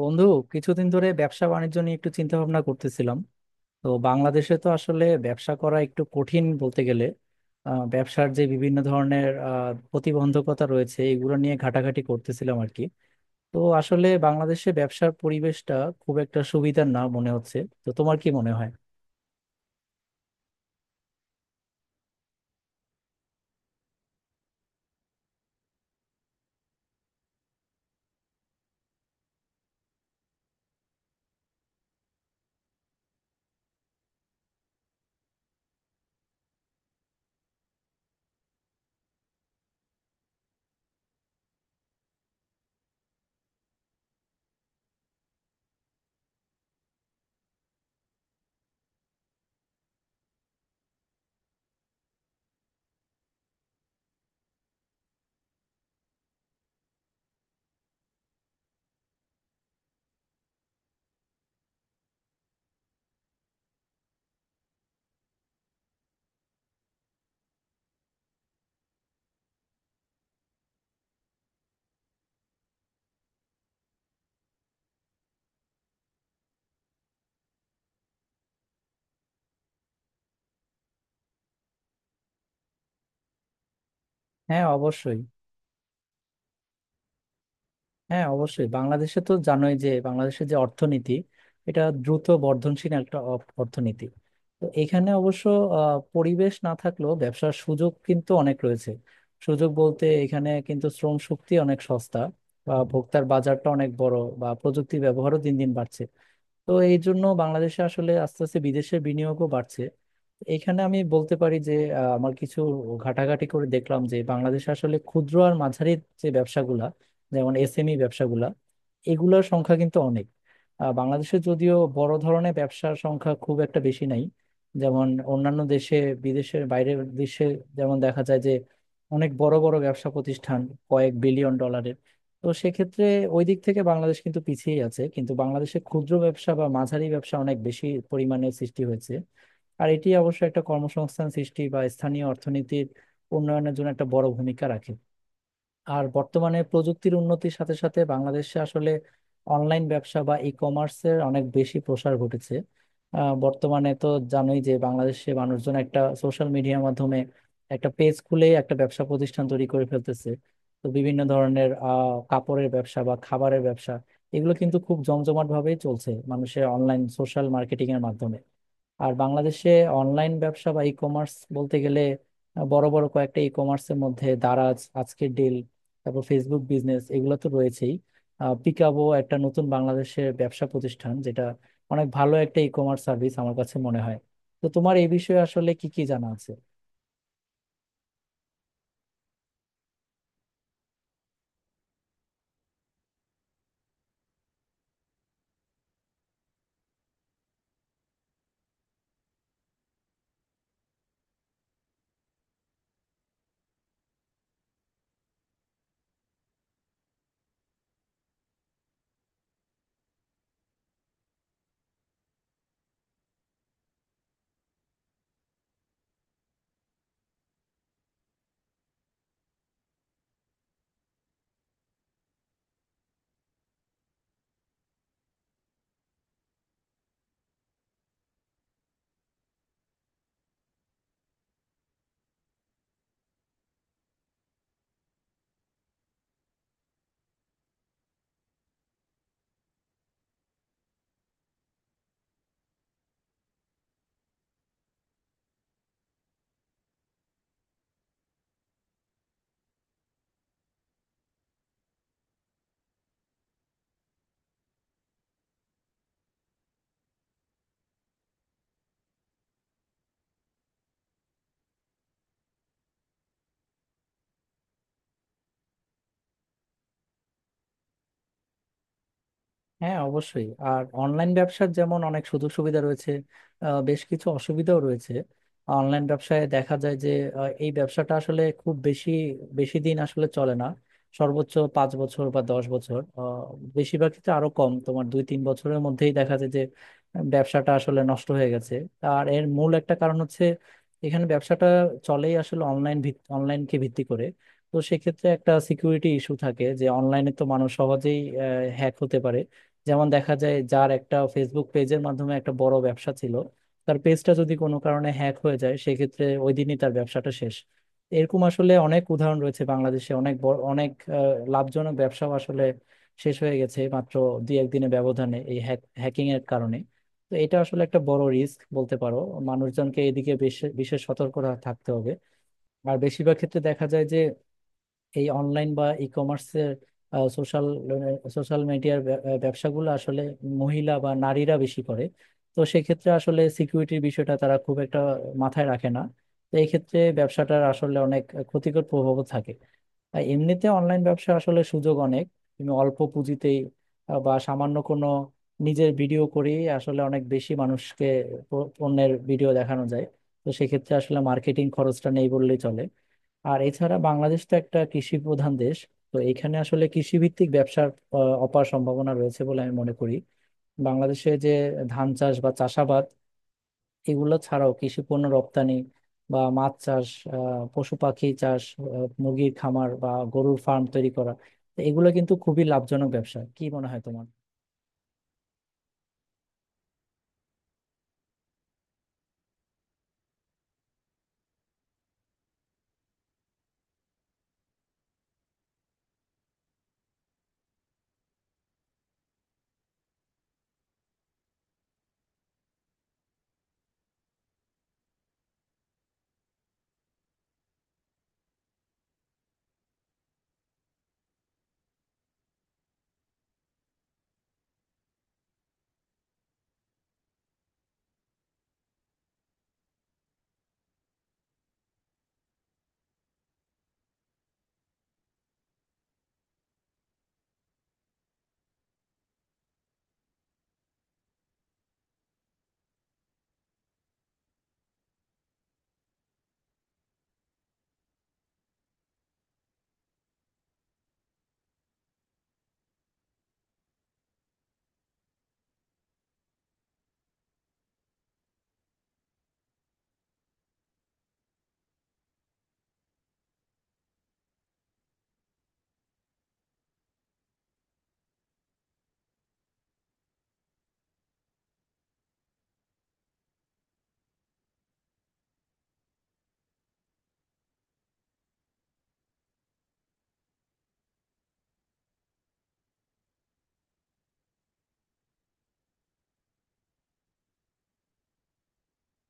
বন্ধু, কিছুদিন ধরে ব্যবসা বাণিজ্য নিয়ে একটু চিন্তা ভাবনা করতেছিলাম। তো বাংলাদেশে তো আসলে ব্যবসা করা একটু কঠিন বলতে গেলে। ব্যবসার যে বিভিন্ন ধরনের প্রতিবন্ধকতা রয়েছে, এগুলো নিয়ে ঘাটাঘাটি করতেছিলাম আর কি। তো আসলে বাংলাদেশে ব্যবসার পরিবেশটা খুব একটা সুবিধার না মনে হচ্ছে। তো তোমার কি মনে হয়? হ্যাঁ, অবশ্যই। হ্যাঁ, অবশ্যই, বাংলাদেশে তো জানোই যে বাংলাদেশের যে অর্থনীতি, এটা দ্রুত বর্ধনশীল একটা অর্থনীতি। তো এখানে অবশ্য পরিবেশ না থাকলেও ব্যবসার সুযোগ কিন্তু অনেক রয়েছে। সুযোগ বলতে এখানে কিন্তু শ্রম শক্তি অনেক সস্তা, বা ভোক্তার বাজারটা অনেক বড়, বা প্রযুক্তির ব্যবহারও দিন দিন বাড়ছে। তো এই জন্য বাংলাদেশে আসলে আস্তে আস্তে বিদেশের বিনিয়োগও বাড়ছে। এখানে আমি বলতে পারি যে আমার কিছু ঘাটাঘাটি করে দেখলাম যে বাংলাদেশে আসলে ক্ষুদ্র আর মাঝারি যে ব্যবসাগুলা, যেমন এসএমই ব্যবসাগুলা, এগুলোর সংখ্যা কিন্তু অনেক। বাংলাদেশে যদিও বড় ধরনের ব্যবসার সংখ্যা খুব একটা বেশি নাই, যেমন অন্যান্য দেশে, বিদেশের বাইরের দেশে, যেমন দেখা যায় যে অনেক বড় বড় ব্যবসা প্রতিষ্ঠান কয়েক বিলিয়ন ডলারের। তো সেক্ষেত্রে ওই দিক থেকে বাংলাদেশ কিন্তু পিছিয়ে আছে, কিন্তু বাংলাদেশে ক্ষুদ্র ব্যবসা বা মাঝারি ব্যবসা অনেক বেশি পরিমাণে সৃষ্টি হয়েছে। আর এটি অবশ্য একটা কর্মসংস্থান সৃষ্টি বা স্থানীয় অর্থনীতির উন্নয়নের জন্য একটা বড় ভূমিকা রাখে। আর বর্তমানে প্রযুক্তির উন্নতির সাথে সাথে বাংলাদেশে আসলে অনলাইন ব্যবসা বা ই কমার্সের অনেক বেশি প্রসার ঘটেছে। বর্তমানে তো জানোই যে বাংলাদেশে মানুষজন একটা সোশ্যাল মিডিয়ার মাধ্যমে একটা পেজ খুলে একটা ব্যবসা প্রতিষ্ঠান তৈরি করে ফেলতেছে। তো বিভিন্ন ধরনের কাপড়ের ব্যবসা বা খাবারের ব্যবসা, এগুলো কিন্তু খুব জমজমাট ভাবেই চলছে মানুষের অনলাইন সোশ্যাল মার্কেটিং এর মাধ্যমে। আর বাংলাদেশে অনলাইন ব্যবসা বা ই কমার্স বলতে গেলে বড় বড় কয়েকটা ই কমার্সের মধ্যে দারাজ, আজকের ডিল, তারপর ফেসবুক বিজনেস, এগুলো তো রয়েছেই। পিকাবো একটা নতুন বাংলাদেশের ব্যবসা প্রতিষ্ঠান, যেটা অনেক ভালো একটা ই কমার্স সার্ভিস আমার কাছে মনে হয়। তো তোমার এই বিষয়ে আসলে কি কি জানা আছে? হ্যাঁ, অবশ্যই। আর অনলাইন ব্যবসার যেমন অনেক সুযোগ সুবিধা রয়েছে, বেশ কিছু অসুবিধাও রয়েছে। অনলাইন ব্যবসায় দেখা যায় যে এই ব্যবসাটা আসলে খুব বেশি বেশি দিন আসলে চলে না। সর্বোচ্চ 5 বছর বা 10 বছর, বেশিরভাগ ক্ষেত্রে আরো কম, তোমার দুই তিন বছরের মধ্যেই দেখা যায় যে ব্যবসাটা আসলে নষ্ট হয়ে গেছে। আর এর মূল একটা কারণ হচ্ছে এখানে ব্যবসাটা চলেই আসলে অনলাইনকে ভিত্তি করে। তো সেক্ষেত্রে একটা সিকিউরিটি ইস্যু থাকে, যে অনলাইনে তো মানুষ সহজেই হ্যাক হতে পারে। যেমন দেখা যায় যার একটা ফেসবুক পেজের মাধ্যমে একটা বড় ব্যবসা ছিল, তার পেজটা যদি কোনো কারণে হ্যাক হয়ে যায়, সেক্ষেত্রে ওই দিনই তার ব্যবসাটা শেষ। এরকম আসলে অনেক উদাহরণ রয়েছে বাংলাদেশে, অনেক বড় অনেক লাভজনক ব্যবসাও আসলে শেষ হয়ে গেছে মাত্র দুই একদিনের ব্যবধানে এই হ্যাকিং এর কারণে। তো এটা আসলে একটা বড় রিস্ক বলতে পারো। মানুষজনকে এদিকে বিশেষ বিশেষ সতর্ক থাকতে হবে। আর বেশিরভাগ ক্ষেত্রে দেখা যায় যে এই অনলাইন বা ই কমার্সের সোশ্যাল সোশ্যাল মিডিয়ার ব্যবসাগুলো আসলে মহিলা বা নারীরা বেশি করে। তো সেক্ষেত্রে আসলে সিকিউরিটির বিষয়টা তারা খুব একটা মাথায় রাখে না। তো এই ক্ষেত্রে ব্যবসাটার আসলে অনেক ক্ষতিকর প্রভাবও থাকে। আর এমনিতে অনলাইন ব্যবসা আসলে সুযোগ অনেক, তুমি অল্প পুঁজিতেই বা সামান্য কোনো নিজের ভিডিও করেই আসলে অনেক বেশি মানুষকে পণ্যের ভিডিও দেখানো যায়। তো সেক্ষেত্রে আসলে মার্কেটিং খরচটা নেই বললেই চলে। আর এছাড়া বাংলাদেশ তো একটা কৃষি প্রধান দেশ, তো এখানে আসলে কৃষি ভিত্তিক ব্যবসার অপার সম্ভাবনা রয়েছে বলে আমি মনে করি। বাংলাদেশে যে ধান চাষ বা চাষাবাদ, এগুলো ছাড়াও কৃষি পণ্য রপ্তানি, বা মাছ চাষ, পশু পাখি চাষ, মুরগির খামার বা গরুর ফার্ম তৈরি করা, তো এগুলো কিন্তু খুবই লাভজনক ব্যবসা। কি মনে হয় তোমার?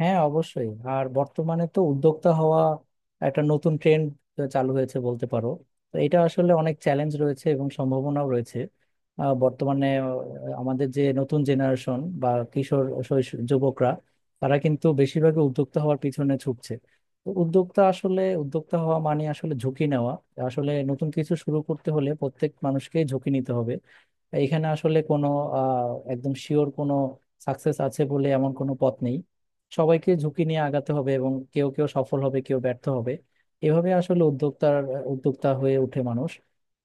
হ্যাঁ, অবশ্যই। আর বর্তমানে তো উদ্যোক্তা হওয়া একটা নতুন ট্রেন্ড চালু হয়েছে বলতে পারো। তো এটা আসলে অনেক চ্যালেঞ্জ রয়েছে এবং সম্ভাবনাও রয়েছে। বর্তমানে আমাদের যে নতুন জেনারেশন বা কিশোর শৈশব যুবকরা, তারা কিন্তু বেশিরভাগই উদ্যোক্তা হওয়ার পিছনে ঝুঁকছে। তো উদ্যোক্তা হওয়া মানে আসলে ঝুঁকি নেওয়া। আসলে নতুন কিছু শুরু করতে হলে প্রত্যেক মানুষকেই ঝুঁকি নিতে হবে। এইখানে আসলে কোনো একদম শিওর কোনো সাকসেস আছে বলে এমন কোনো পথ নেই। সবাইকে ঝুঁকি নিয়ে আগাতে হবে এবং কেউ কেউ সফল হবে, কেউ ব্যর্থ হবে। এভাবে আসলে উদ্যোক্তা হয়ে ওঠে মানুষ।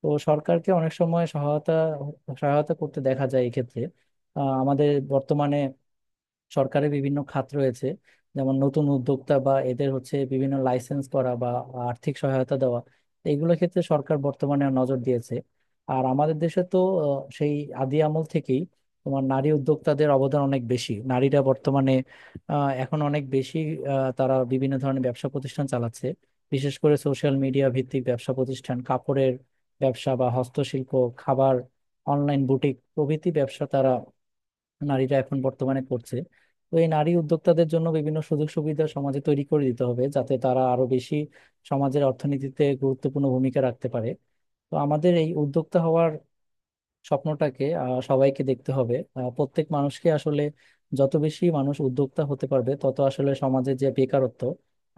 তো সরকারকে অনেক সময় সহায়তা সহায়তা করতে দেখা যায় এক্ষেত্রে। আমাদের বর্তমানে সরকারের বিভিন্ন খাত রয়েছে, যেমন নতুন উদ্যোক্তা বা এদের হচ্ছে বিভিন্ন লাইসেন্স করা বা আর্থিক সহায়তা দেওয়া, এইগুলোর ক্ষেত্রে সরকার বর্তমানে নজর দিয়েছে। আর আমাদের দেশে তো আহ, সেই আদি আমল থেকেই তোমার নারী উদ্যোক্তাদের অবদান অনেক বেশি। নারীরা বর্তমানে এখন অনেক বেশি, তারা বিভিন্ন ধরনের ব্যবসা প্রতিষ্ঠান চালাচ্ছে। বিশেষ করে সোশ্যাল মিডিয়া ভিত্তিক ব্যবসা প্রতিষ্ঠান, কাপড়ের ব্যবসা বা হস্তশিল্প, খাবার, অনলাইন বুটিক প্রভৃতি ব্যবসা তারা, নারীরা এখন বর্তমানে করছে। তো এই নারী উদ্যোক্তাদের জন্য বিভিন্ন সুযোগ সুবিধা সমাজে তৈরি করে দিতে হবে, যাতে তারা আরো বেশি সমাজের অর্থনীতিতে গুরুত্বপূর্ণ ভূমিকা রাখতে পারে। তো আমাদের এই উদ্যোক্তা হওয়ার স্বপ্নটাকে সবাইকে দেখতে হবে, প্রত্যেক মানুষকে আসলে। যত বেশি মানুষ উদ্যোক্তা হতে পারবে, তত আসলে সমাজে যে বেকারত্ব,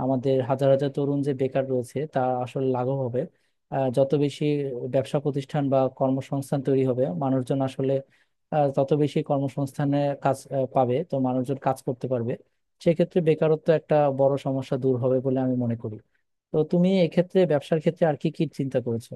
আমাদের হাজার হাজার তরুণ যে বেকার রয়েছে, তা আসলে লাঘব হবে। যত বেশি ব্যবসা প্রতিষ্ঠান বা কর্মসংস্থান তৈরি হবে, মানুষজন আসলে তত বেশি কর্মসংস্থানে কাজ পাবে। তো মানুষজন কাজ করতে পারবে, সেক্ষেত্রে বেকারত্ব একটা বড় সমস্যা দূর হবে বলে আমি মনে করি। তো তুমি এক্ষেত্রে ব্যবসার ক্ষেত্রে আর কি কি চিন্তা করেছো?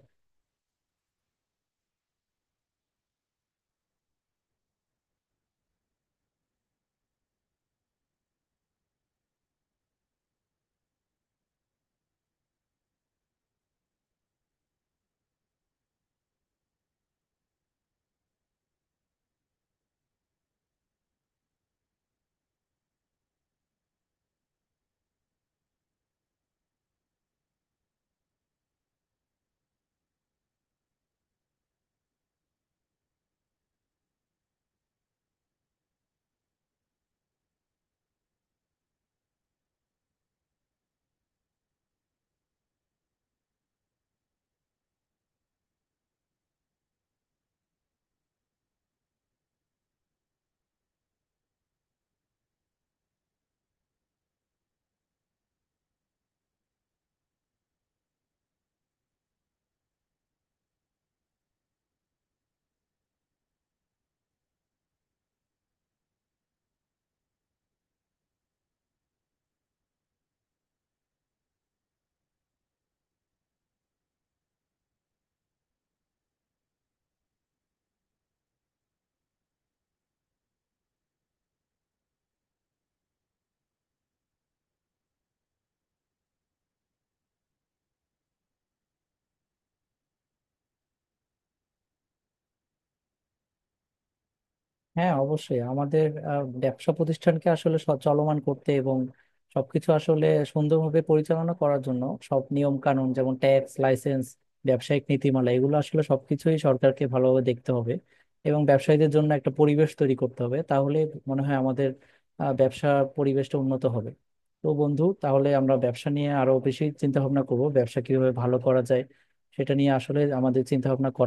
হ্যাঁ, অবশ্যই। আমাদের ব্যবসা প্রতিষ্ঠানকে আসলে চলমান করতে এবং সবকিছু আসলে সুন্দরভাবে পরিচালনা করার জন্য সব নিয়ম কানুন, যেমন ট্যাক্স, লাইসেন্স, ব্যবসায়িক নীতিমালা, এগুলো আসলে সবকিছুই সরকারকে ভালোভাবে দেখতে হবে এবং ব্যবসায়ীদের জন্য একটা পরিবেশ তৈরি করতে হবে। তাহলে মনে হয় আমাদের ব্যবসা পরিবেশটা উন্নত হবে। তো বন্ধু, তাহলে আমরা ব্যবসা নিয়ে আরো বেশি চিন্তা ভাবনা করবো, ব্যবসা কিভাবে ভালো করা যায় সেটা নিয়ে আসলে আমাদের চিন্তা ভাবনা করা।